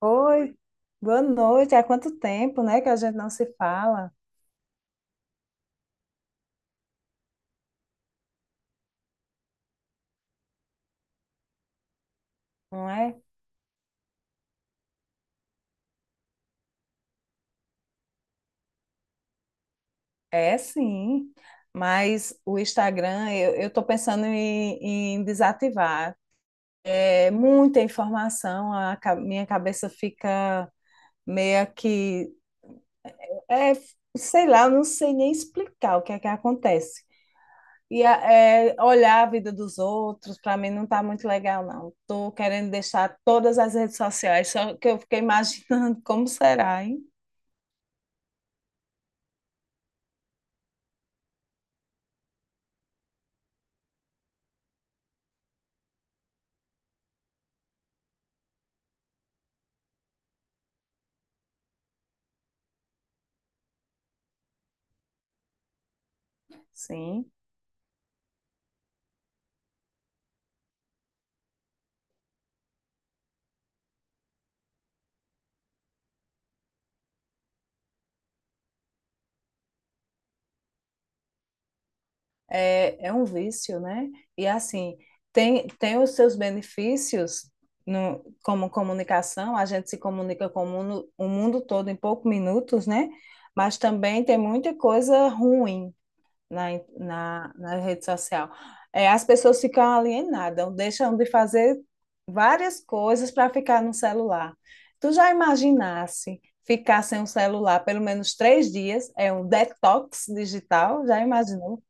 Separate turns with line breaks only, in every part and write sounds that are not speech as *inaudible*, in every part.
Oi, boa noite. Há quanto tempo, né, que a gente não se fala, não é? É sim, mas o Instagram eu estou pensando em desativar. É muita informação, minha cabeça fica meio que, é, sei lá, eu não sei nem explicar o que é que acontece. Olhar a vida dos outros, para mim não tá muito legal, não. Tô querendo deixar todas as redes sociais, só que eu fiquei imaginando *laughs* como será, hein? Sim. É, é um vício, né? E assim, tem os seus benefícios no, como comunicação, a gente se comunica com o mundo todo em poucos minutos, né? Mas também tem muita coisa ruim na, na rede social. É, as pessoas ficam alienadas, deixam de fazer várias coisas para ficar no celular. Tu já imaginasse ficar sem o celular pelo menos 3 dias? É um detox digital? Já imaginou?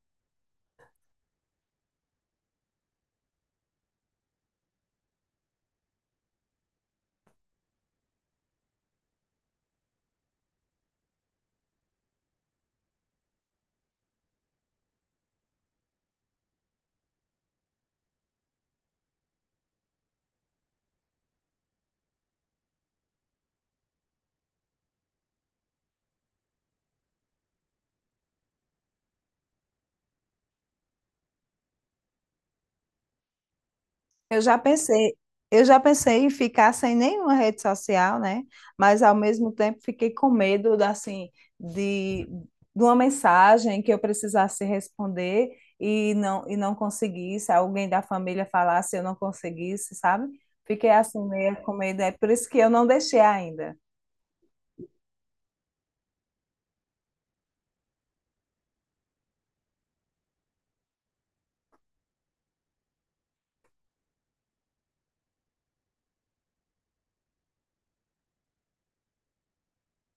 Eu já pensei, eu já pensei em ficar sem nenhuma rede social, né? Mas ao mesmo tempo fiquei com medo da- assim de, de uma mensagem que eu precisasse responder e não conseguisse, alguém da família falasse e eu não conseguisse, sabe? Fiquei assim meio com medo, é por isso que eu não deixei ainda.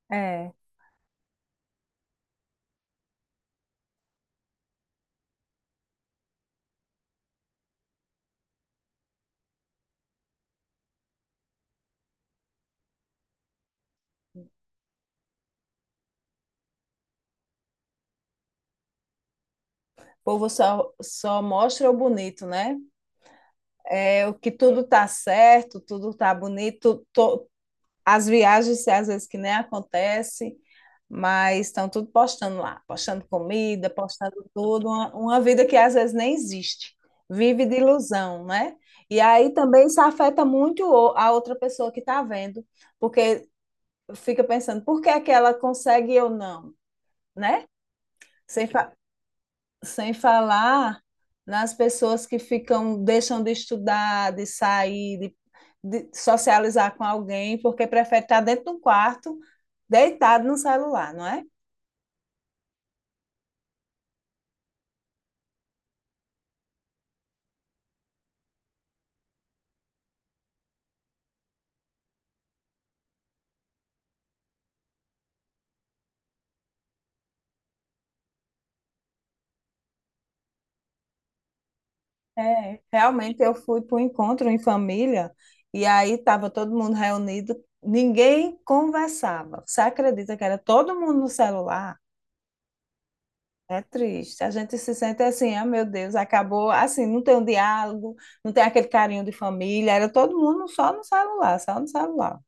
É. O só mostra o bonito, né? É o que tudo tá certo, tudo tá bonito, as viagens às vezes que nem acontece, mas estão tudo postando lá, postando comida, postando tudo, uma vida que às vezes nem existe, vive de ilusão, né? E aí também isso afeta muito a outra pessoa que está vendo, porque fica pensando, por que é que ela consegue e eu não, né? Sem fa- Sem falar nas pessoas que ficam, deixam de estudar, de sair, de socializar com alguém, porque prefere estar dentro de um quarto, deitado no celular, não é? É, realmente eu fui para o encontro em família e aí estava todo mundo reunido, ninguém conversava. Você acredita que era todo mundo no celular? É triste. A gente se sente assim, ah, meu Deus, acabou. Assim, não tem um diálogo, não tem aquele carinho de família. Era todo mundo só no celular, só no celular.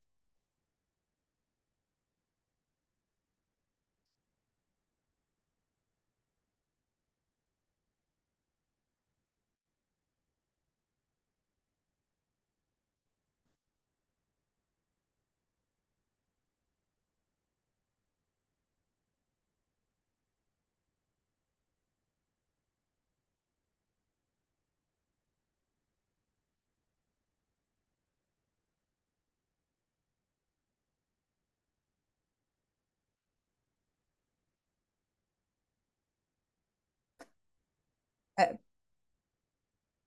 É,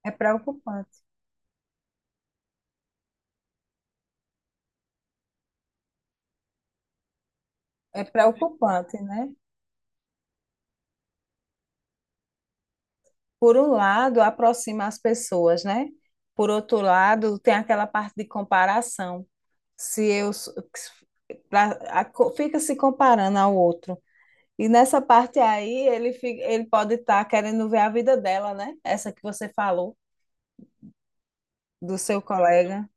é preocupante. É preocupante, né? Por um lado, aproxima as pessoas, né? Por outro lado, tem aquela parte de comparação. Se eu s- pra- a co- Fica se comparando ao outro. E nessa parte aí, ele pode estar querendo ver a vida dela, né? Essa que você falou, do seu colega.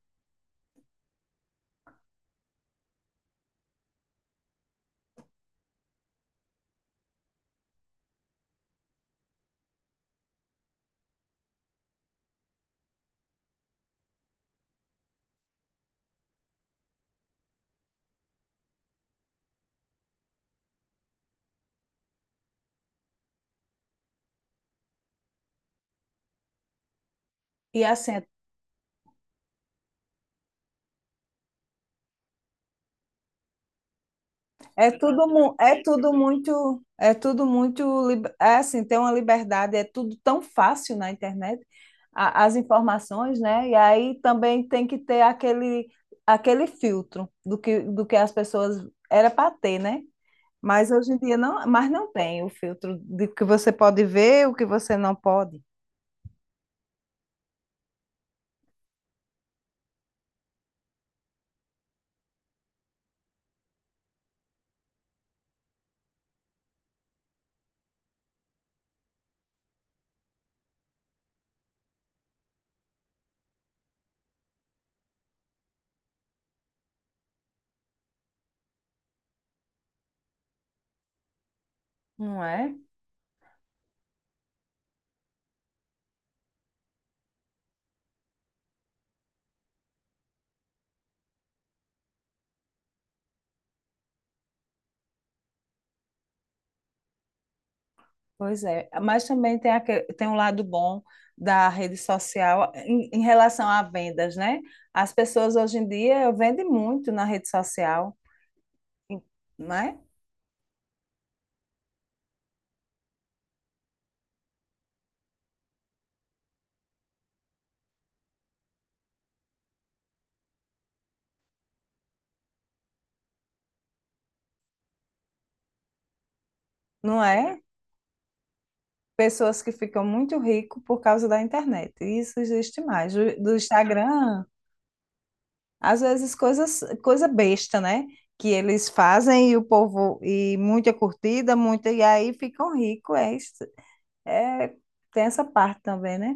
E assim, é tudo, mu- é tudo muito, lib- é assim, tem uma liberdade, é tudo tão fácil na internet, as informações, né? E aí também tem que ter aquele, aquele filtro do que as pessoas era para ter, né? Mas hoje em dia não, mas não tem o filtro de que você pode ver, o que você não pode, não é? Pois é, mas também tem, tem um lado bom da rede social em relação a vendas, né? As pessoas hoje em dia vendem muito na rede social, em- né? Não é? Pessoas que ficam muito ricas por causa da internet. Isso existe mais. Do Instagram, às vezes coisa besta, né? Que eles fazem e o povo, e muita curtida, muita, e aí ficam ricos. É, tem essa parte também, né?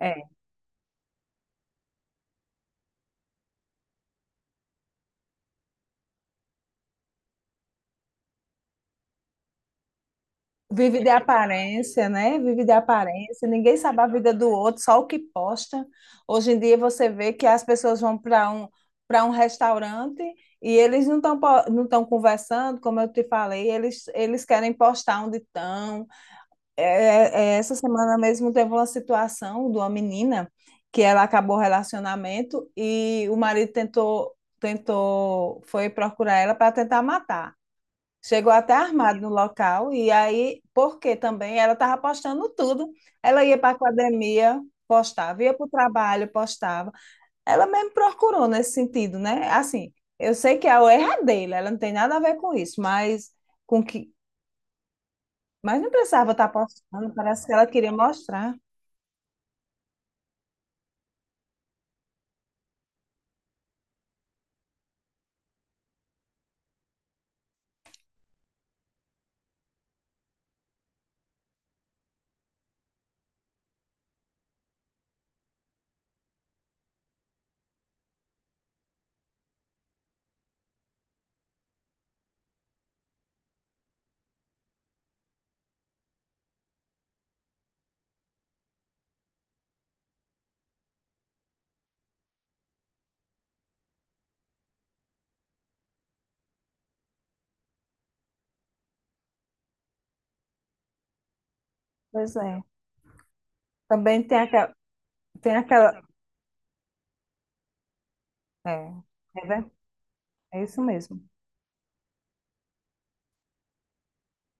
É, vive de aparência, né? Vive de aparência. Ninguém sabe a vida do outro, só o que posta. Hoje em dia você vê que as pessoas vão para um restaurante e eles não estão conversando, como eu te falei, eles querem postar onde estão. É, é, essa semana mesmo teve uma situação de uma menina que ela acabou o relacionamento e o marido tentou foi procurar ela para tentar matar. Chegou até armado no local, e aí, porque também ela estava postando tudo. Ela ia para a academia, postava, ia para o trabalho, postava. Ela mesmo procurou nesse sentido, né? Assim, eu sei que a erro é ela não tem nada a ver com isso, mas com que. Mas não precisava estar postando, parece que ela queria mostrar. Pois é. Também tem aquela. Tem aquela é, é ver- é isso mesmo.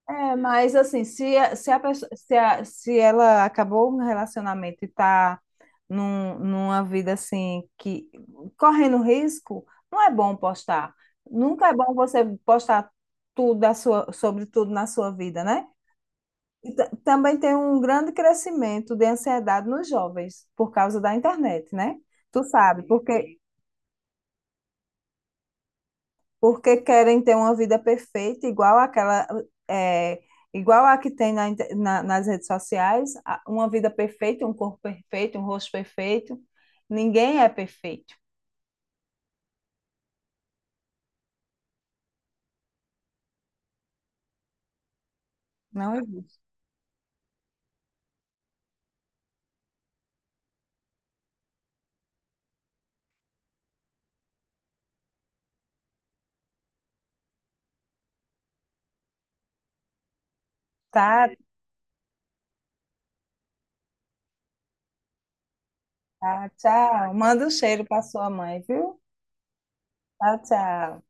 É, mas assim, se, a- se, a pessoa, se ela acabou um relacionamento e está numa vida assim, que correndo risco, não é bom postar. Nunca é bom você postar sobre tudo na sua vida, né? Também tem um grande crescimento de ansiedade nos jovens por causa da internet, né? Tu sabe, porque querem ter uma vida perfeita, igual àquela, é, igual a que tem nas redes sociais, uma vida perfeita, um corpo perfeito, um rosto perfeito. Ninguém é perfeito, não existe. Tá, tá, tchau. Manda um cheiro para sua mãe, viu? Tchau, tchau.